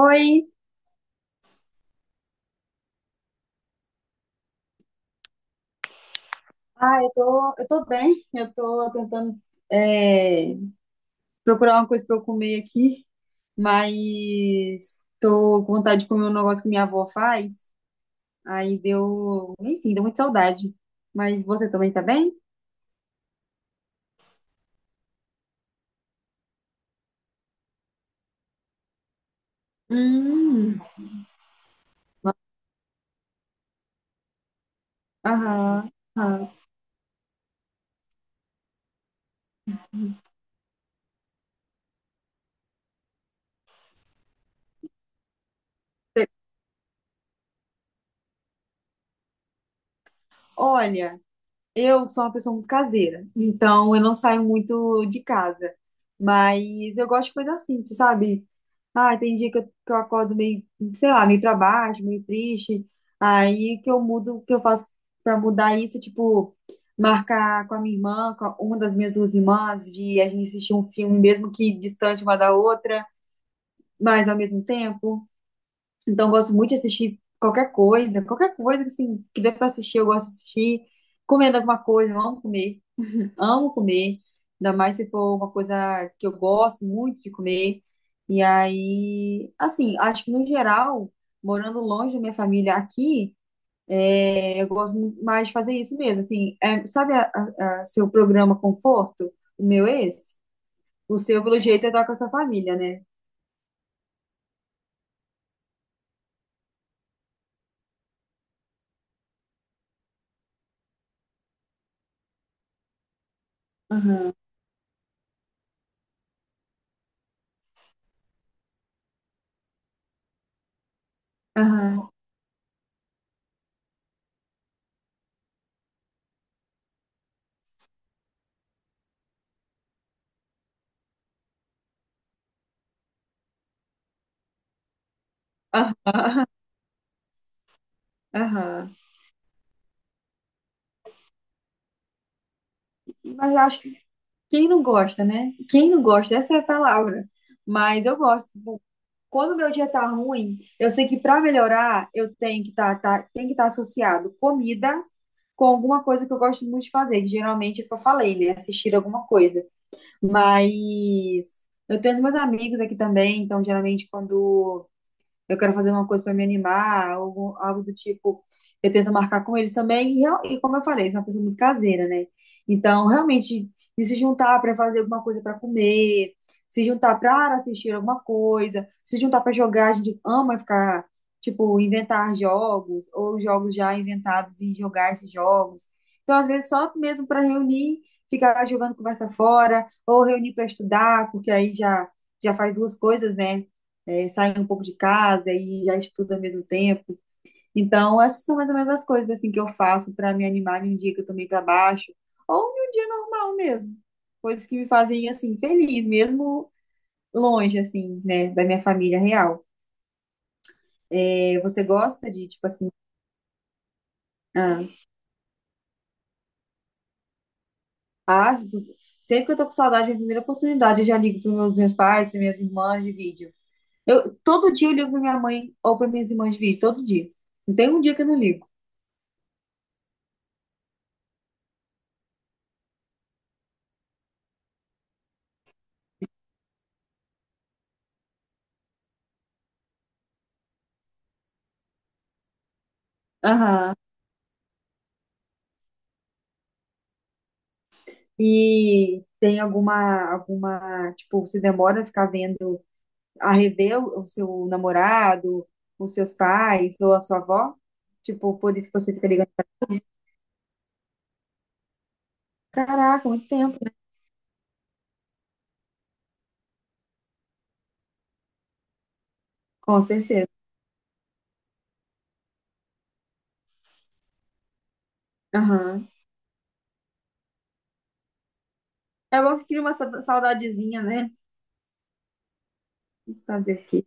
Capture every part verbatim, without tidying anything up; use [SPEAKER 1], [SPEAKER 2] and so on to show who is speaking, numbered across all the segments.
[SPEAKER 1] Oi, ah, eu tô, eu tô bem, eu tô tentando é, procurar uma coisa pra eu comer aqui, mas tô com vontade de comer um negócio que minha avó faz, aí deu, enfim, deu muita saudade. Mas você também tá bem? Hum. Aham, aham. Olha, eu sou uma pessoa muito caseira, então eu não saio muito de casa. Mas eu gosto de coisa simples, sabe? Ah, tem dia que eu, que eu acordo meio, sei lá, meio pra baixo, meio triste. Aí que eu mudo, o que eu faço pra mudar isso, é, tipo, marcar com a minha irmã, com a- uma das minhas duas irmãs, de a gente assistir um filme, mesmo que distante uma da outra, mas ao mesmo tempo. Então eu gosto muito de assistir qualquer coisa, qualquer coisa assim, que dê pra assistir, eu gosto de assistir. Comendo alguma coisa, eu amo comer. Amo comer, ainda mais se for uma coisa que eu gosto muito de comer. E aí, assim, acho que no geral, morando longe da minha família aqui, é, eu gosto muito mais de fazer isso mesmo. Assim, é, sabe a, a- a seu programa Conforto? O meu é esse? O seu, pelo jeito, é estar com a sua família, né? Aham, aham, aham, aham. Mas eu acho que quem não gosta, né? Quem não gosta, essa é a palavra. Mas eu gosto. Quando o meu dia tá ruim, eu sei que para melhorar, eu tenho que tá, tá, tem que estar associado comida com alguma coisa que eu gosto muito de fazer, que geralmente é o que eu falei, né? Assistir alguma coisa. Mas eu tenho os meus amigos aqui também, então geralmente quando eu quero fazer uma coisa para me animar, algo, algo do tipo, eu tento marcar com eles também, e, real- e como eu falei, sou uma pessoa muito caseira, né? Então, realmente, de se juntar para fazer alguma coisa para comer, se juntar para assistir alguma coisa, se juntar para jogar, a gente ama ficar, tipo, inventar jogos, ou jogos já inventados e jogar esses jogos. Então, às vezes, só mesmo para reunir, ficar jogando conversa fora, ou reunir para estudar, porque aí já, já faz duas coisas, né? É, sai um pouco de casa e já estuda ao mesmo tempo. Então, essas são mais ou menos as coisas assim que eu faço para me animar num dia que eu tô meio para baixo, ou num dia normal mesmo. Coisas que me fazem assim feliz, mesmo longe assim, né, da minha família real. É, você gosta de tipo assim, ah, ah, tipo, sempre que eu tô com saudade, a primeira oportunidade eu já ligo para meus meus pais, para minhas irmãs de vídeo. Eu todo dia eu ligo para minha mãe ou para minhas irmãs de vídeo, todo dia. Não tem um dia que eu não ligo. Aham. E tem alguma, alguma, tipo, você demora a ficar vendo, a rever o o seu namorado, os seus pais ou a sua avó? Tipo, por isso que você fica ligando. Caraca, muito tempo, né? Com certeza. Aham. É bom que cria uma sa- saudadezinha, né? Fazer o quê?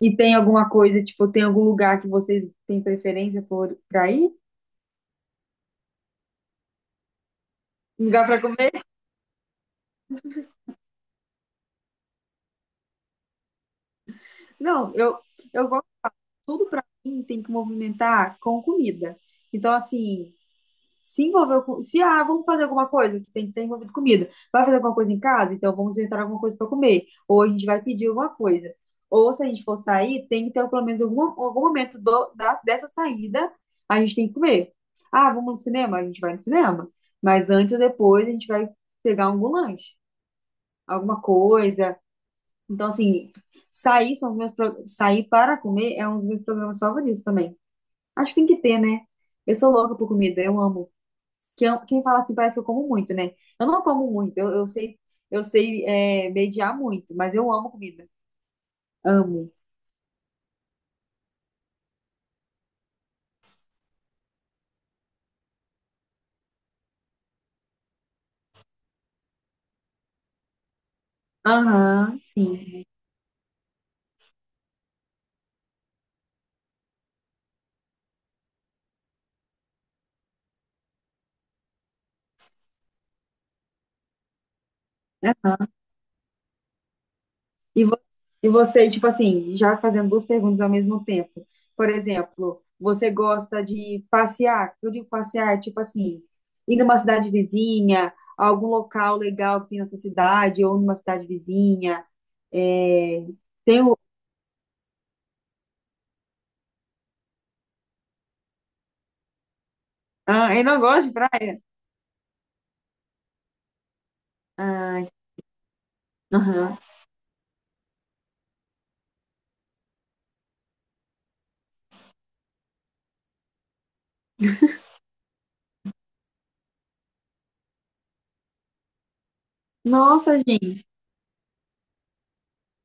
[SPEAKER 1] E tem alguma coisa, tipo, tem algum lugar que vocês têm preferência por, pra ir? Um lugar pra comer? Não, eu, eu gosto de tudo pra mim, tem que movimentar com comida. Então, assim, se envolveu com. Se, ah, vamos fazer alguma coisa, que tem que ter envolvido comida. Vai fazer alguma coisa em casa? Então vamos inventar alguma coisa para comer. Ou a gente vai pedir alguma coisa. Ou se a gente for sair, tem que ter pelo menos algum, algum momento do, da, dessa saída, a gente tem que comer. Ah, vamos no cinema? A gente vai no cinema. Mas antes ou depois a gente vai pegar algum lanche, alguma coisa. Então, assim, sair, são os meus, pro- sair para comer é um dos meus programas favoritos também. Acho que tem que ter, né? Eu sou louca por comida, eu amo que eu- quem fala assim parece que eu como muito, né? Eu não como muito, eu, eu sei, eu sei é, mediar muito, mas eu amo comida. Amo. Aham, sim. E, vo- e você, tipo assim, já fazendo duas perguntas ao mesmo tempo. Por exemplo, você gosta de passear? Eu digo passear, tipo assim, ir numa cidade vizinha, algum local legal que tem na sua cidade, ou numa cidade vizinha. É, tem o... Ah, eu não gosto de praia. Ah, aham. Nossa,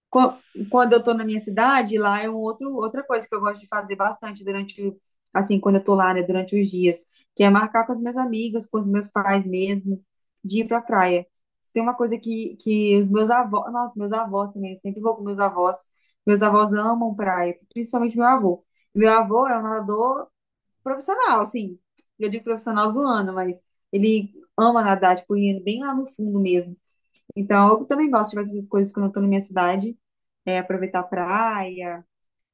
[SPEAKER 1] Qu- quando eu estou na minha cidade, lá é um outro, outra coisa que eu gosto de fazer bastante durante, o- assim, quando eu estou lá, né, durante os dias, que é marcar com as minhas amigas, com os meus pais mesmo, de ir para a praia. Se tem uma coisa que, que os meus avós, nossa, meus avós também, eu sempre vou com meus avós. Meus avós amam praia, principalmente meu avô. Meu avô é um nadador profissional, assim, eu digo profissional zoando, mas ele ama nadar, tipo, ir bem lá no fundo mesmo. Então, eu também gosto de fazer essas coisas quando eu tô na minha cidade é, aproveitar a praia,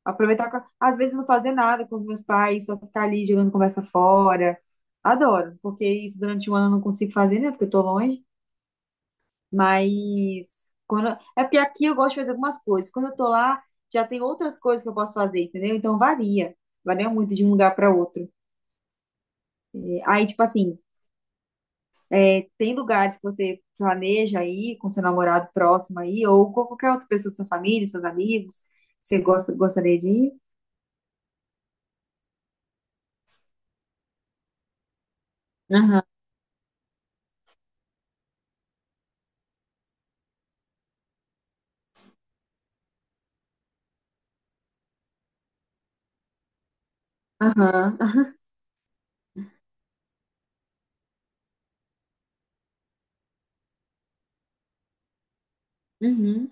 [SPEAKER 1] aproveitar, com- às vezes não fazer nada com os meus pais, só ficar ali jogando conversa fora. Adoro, porque isso durante o ano eu não consigo fazer, né? Porque eu tô longe. Mas quando é porque aqui eu gosto de fazer algumas coisas. Quando eu tô lá, já tem outras coisas que eu posso fazer, entendeu? Então varia, varia muito de um lugar para outro. É, aí, tipo assim, tem lugares que você planeja aí com seu namorado próximo aí, ou com qualquer outra pessoa da sua família, seus amigos, que você gosta, gostaria de ir? Aham, aham, uhum.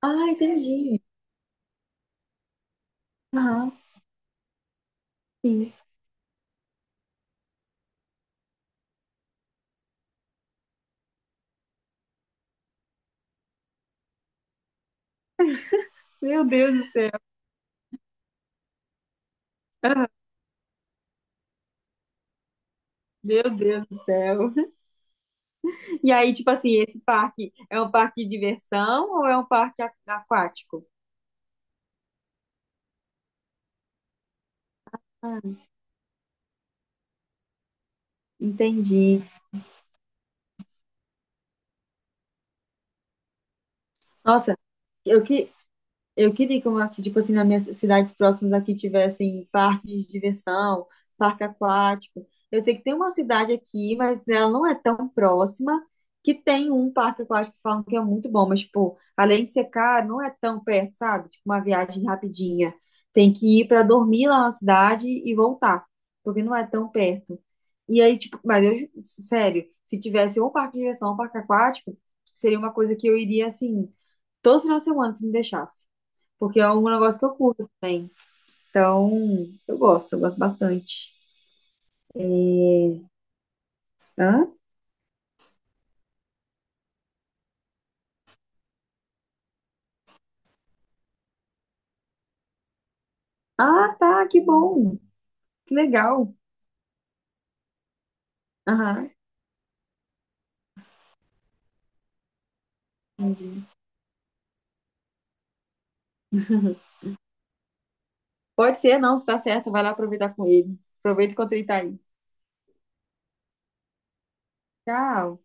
[SPEAKER 1] Ah, entendi. Aham, sim. Meu Deus do céu. Meu Deus do céu. E aí, tipo assim, esse parque é um parque de diversão ou é um parque a- aquático? Ah, entendi. Nossa, eu que eu queria que, uma- que, tipo assim, nas minhas cidades próximas aqui tivessem parques de diversão, parque aquático. Eu sei que tem uma cidade aqui, mas ela não é tão próxima, que tem um parque aquático que falam que é muito bom, mas, tipo, além de ser caro, não é tão perto, sabe? Tipo, uma viagem rapidinha. Tem que ir para dormir lá na cidade e voltar, porque não é tão perto. E aí, tipo, mas eu, ju- sério, se tivesse ou um parque de diversão ou um parque aquático, seria uma coisa que eu iria, assim, todo final de semana, se me deixasse porque é um negócio que eu curto também. Então, eu gosto, eu gosto bastante. É, hã? Ah, tá, que bom. Que legal. Aham, entendi. Pode ser, não, se tá certo, vai lá aproveitar com ele. Aproveita enquanto ele tá aí. Tchau.